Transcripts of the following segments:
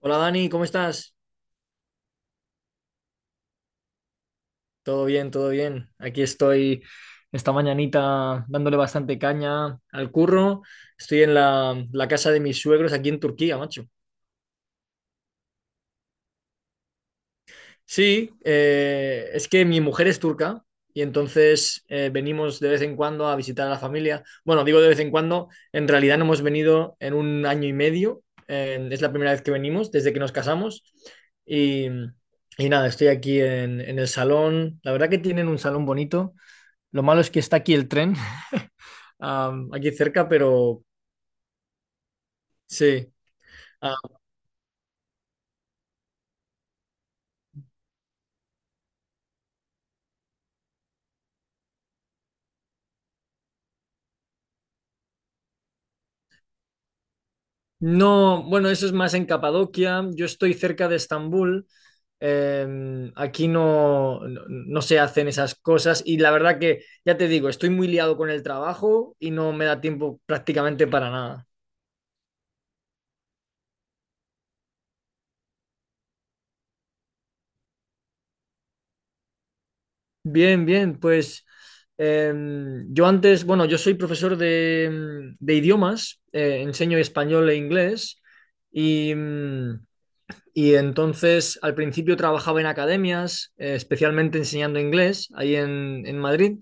Hola Dani, ¿cómo estás? Todo bien, todo bien. Aquí estoy esta mañanita dándole bastante caña al curro. Estoy en la casa de mis suegros aquí en Turquía, macho. Sí, es que mi mujer es turca y entonces venimos de vez en cuando a visitar a la familia. Bueno, digo de vez en cuando, en realidad no hemos venido en un año y medio. Es la primera vez que venimos desde que nos casamos. Y, y nada, estoy aquí en el salón. La verdad que tienen un salón bonito. Lo malo es que está aquí el tren, aquí cerca, pero sí. Ah, no, bueno, eso es más en Capadocia. Yo estoy cerca de Estambul. Aquí no se hacen esas cosas y la verdad que, ya te digo, estoy muy liado con el trabajo y no me da tiempo prácticamente para nada. Bien, bien, pues yo antes, bueno, yo soy profesor de idiomas, enseño español e inglés y... mm, Y entonces al principio trabajaba en academias, especialmente enseñando inglés ahí en Madrid,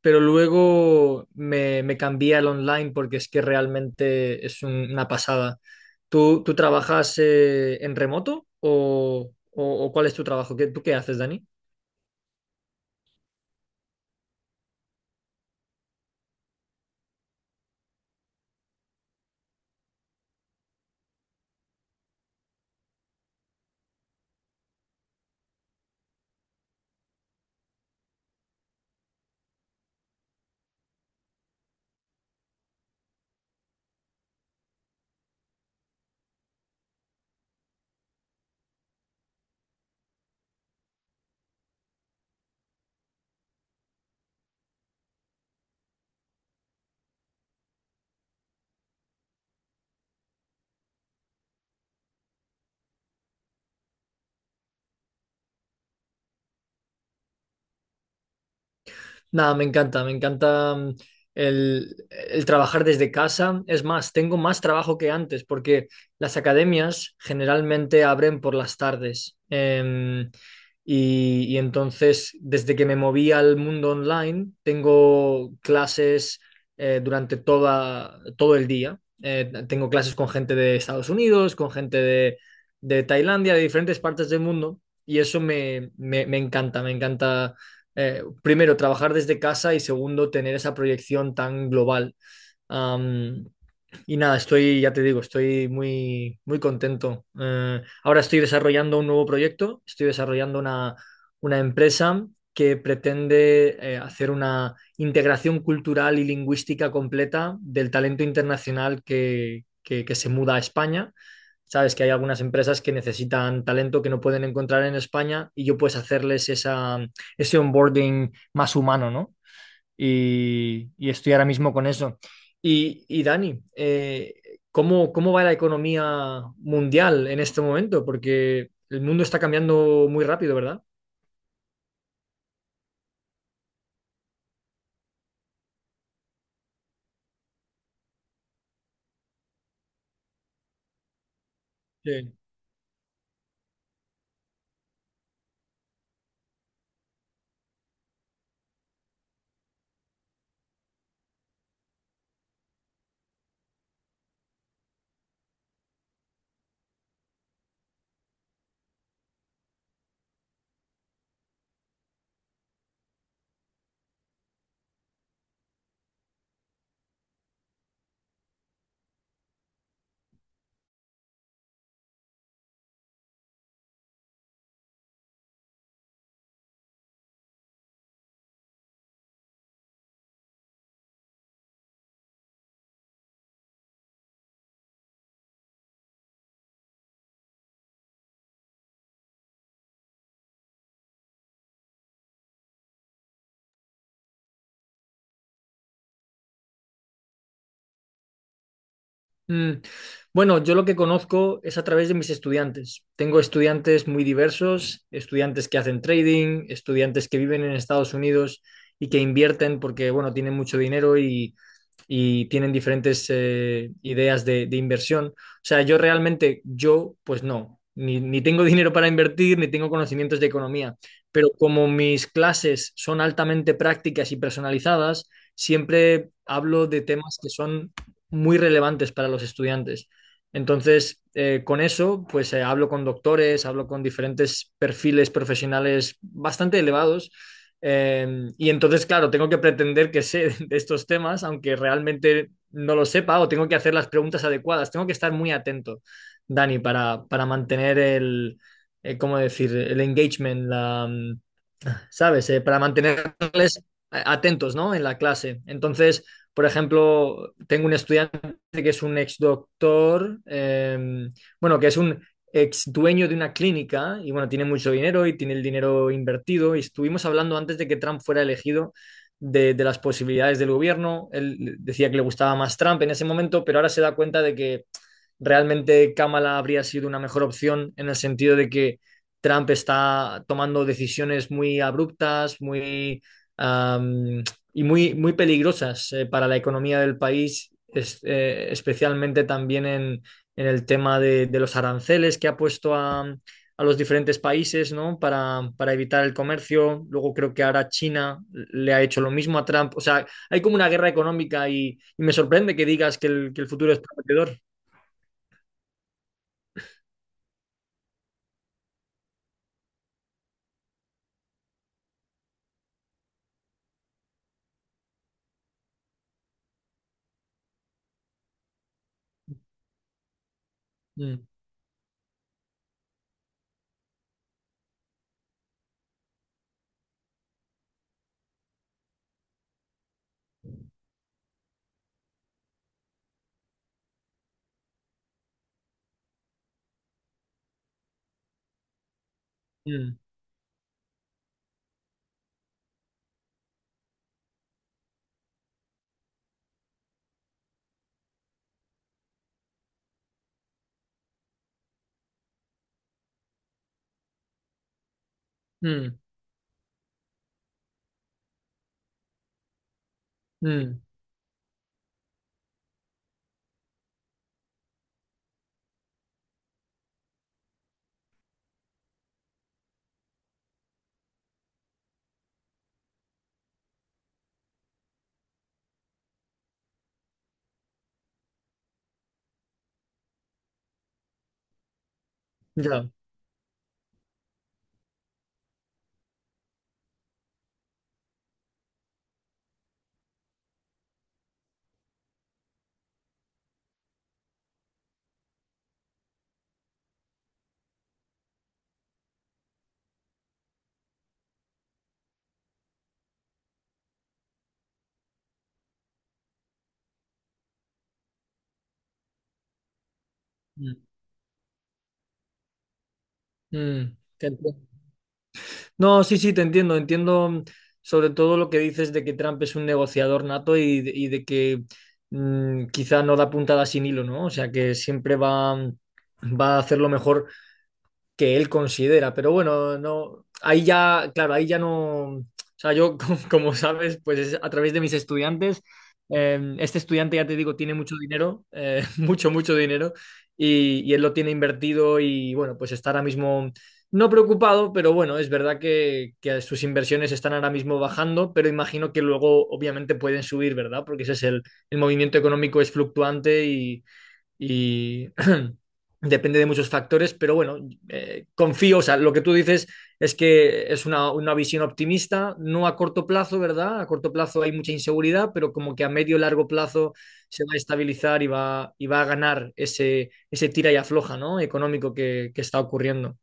pero luego me cambié al online porque es que realmente es una pasada. ¿Tú trabajas en remoto o cuál es tu trabajo? ¿Qué, tú qué haces, Dani? Nada, me encanta, me encanta el trabajar desde casa. Es más, tengo más trabajo que antes porque las academias generalmente abren por las tardes. Y entonces, desde que me moví al mundo online, tengo clases durante todo el día. Tengo clases con gente de Estados Unidos, con gente de Tailandia, de diferentes partes del mundo. Y eso me encanta, me encanta, primero, trabajar desde casa y segundo, tener esa proyección tan global. Um, y nada, estoy, ya te digo, estoy muy, muy contento. Ahora estoy desarrollando un nuevo proyecto, estoy desarrollando una empresa que pretende hacer una integración cultural y lingüística completa del talento internacional que se muda a España. Sabes que hay algunas empresas que necesitan talento que no pueden encontrar en España y yo puedes hacerles ese onboarding más humano, ¿no? Y, y estoy ahora mismo con eso. Y Dani, ¿cómo va la economía mundial en este momento? Porque el mundo está cambiando muy rápido, ¿verdad? Sí. Mm, Bueno, yo lo que conozco es a través de mis estudiantes. Tengo estudiantes muy diversos, estudiantes que hacen trading, estudiantes que viven en Estados Unidos y que invierten porque, bueno, tienen mucho dinero y tienen diferentes ideas de inversión. O sea, yo realmente, yo, pues no, ni tengo dinero para invertir, ni tengo conocimientos de economía, pero como mis clases son altamente prácticas y personalizadas, siempre hablo de temas que son muy relevantes para los estudiantes. Entonces, con eso, pues hablo con doctores, hablo con diferentes perfiles profesionales bastante elevados eh, y entonces, claro, tengo que pretender que sé de estos temas, aunque realmente no lo sepa, o tengo que hacer las preguntas adecuadas. Tengo que estar muy atento, Dani, para mantener el ¿cómo decir? El engagement, ¿sabes? Para mantenerles atentos, ¿no? En la clase. Entonces, por ejemplo, tengo un estudiante que es un ex doctor, bueno, que es un ex dueño de una clínica y bueno, tiene mucho dinero y tiene el dinero invertido y estuvimos hablando antes de que Trump fuera elegido de las posibilidades del gobierno. Él decía que le gustaba más Trump en ese momento, pero ahora se da cuenta de que realmente Kamala habría sido una mejor opción en el sentido de que Trump está tomando decisiones muy abruptas, um, y muy, muy peligrosas para la economía del país, es, especialmente también en el tema de los aranceles que ha puesto a los diferentes países, ¿no? Para evitar el comercio. Luego creo que ahora China le ha hecho lo mismo a Trump. O sea, hay como una guerra económica y me sorprende que digas que que el futuro es prometedor. Mm. Mm, mm, mm, ya, mm, Te entiendo. No, sí, sí, te entiendo. Entiendo sobre todo lo que dices de que Trump es un negociador nato y de que quizá no da puntada sin hilo, ¿no? O sea, que siempre va, va a hacer lo mejor que él considera, pero bueno, no, ahí ya, claro, ahí ya no, o sea, yo, como como sabes, pues es a través de mis estudiantes, este estudiante, ya te digo, tiene mucho dinero, mucho, mucho dinero, y él lo tiene invertido y bueno, pues está ahora mismo no preocupado, pero bueno, es verdad que sus inversiones están ahora mismo bajando, pero imagino que luego obviamente pueden subir, ¿verdad? Porque ese es el movimiento económico es fluctuante y depende de muchos factores, pero bueno, confío, o sea, lo que tú dices es que es una visión optimista, no a corto plazo, ¿verdad? A corto plazo hay mucha inseguridad, pero como que a medio largo plazo se va a estabilizar y va a ganar ese tira y afloja, ¿no? Económico que está ocurriendo.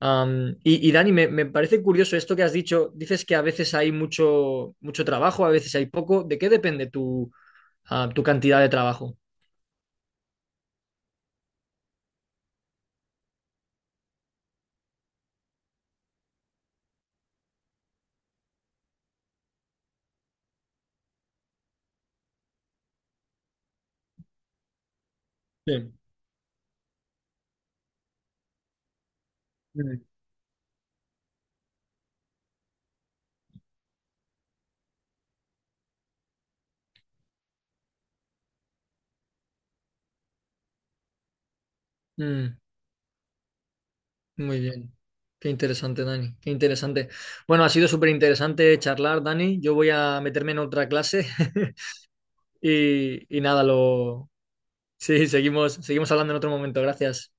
Y, y Dani, me parece curioso esto que has dicho, dices que a veces hay mucho, mucho trabajo, a veces hay poco, ¿de qué depende tu, tu cantidad de trabajo? Sí. Mm, mm. Muy bien. Qué interesante, Dani. Qué interesante. Bueno, ha sido súper interesante charlar, Dani. Yo voy a meterme en otra clase y nada, lo... Sí, seguimos, seguimos hablando en otro momento. Gracias.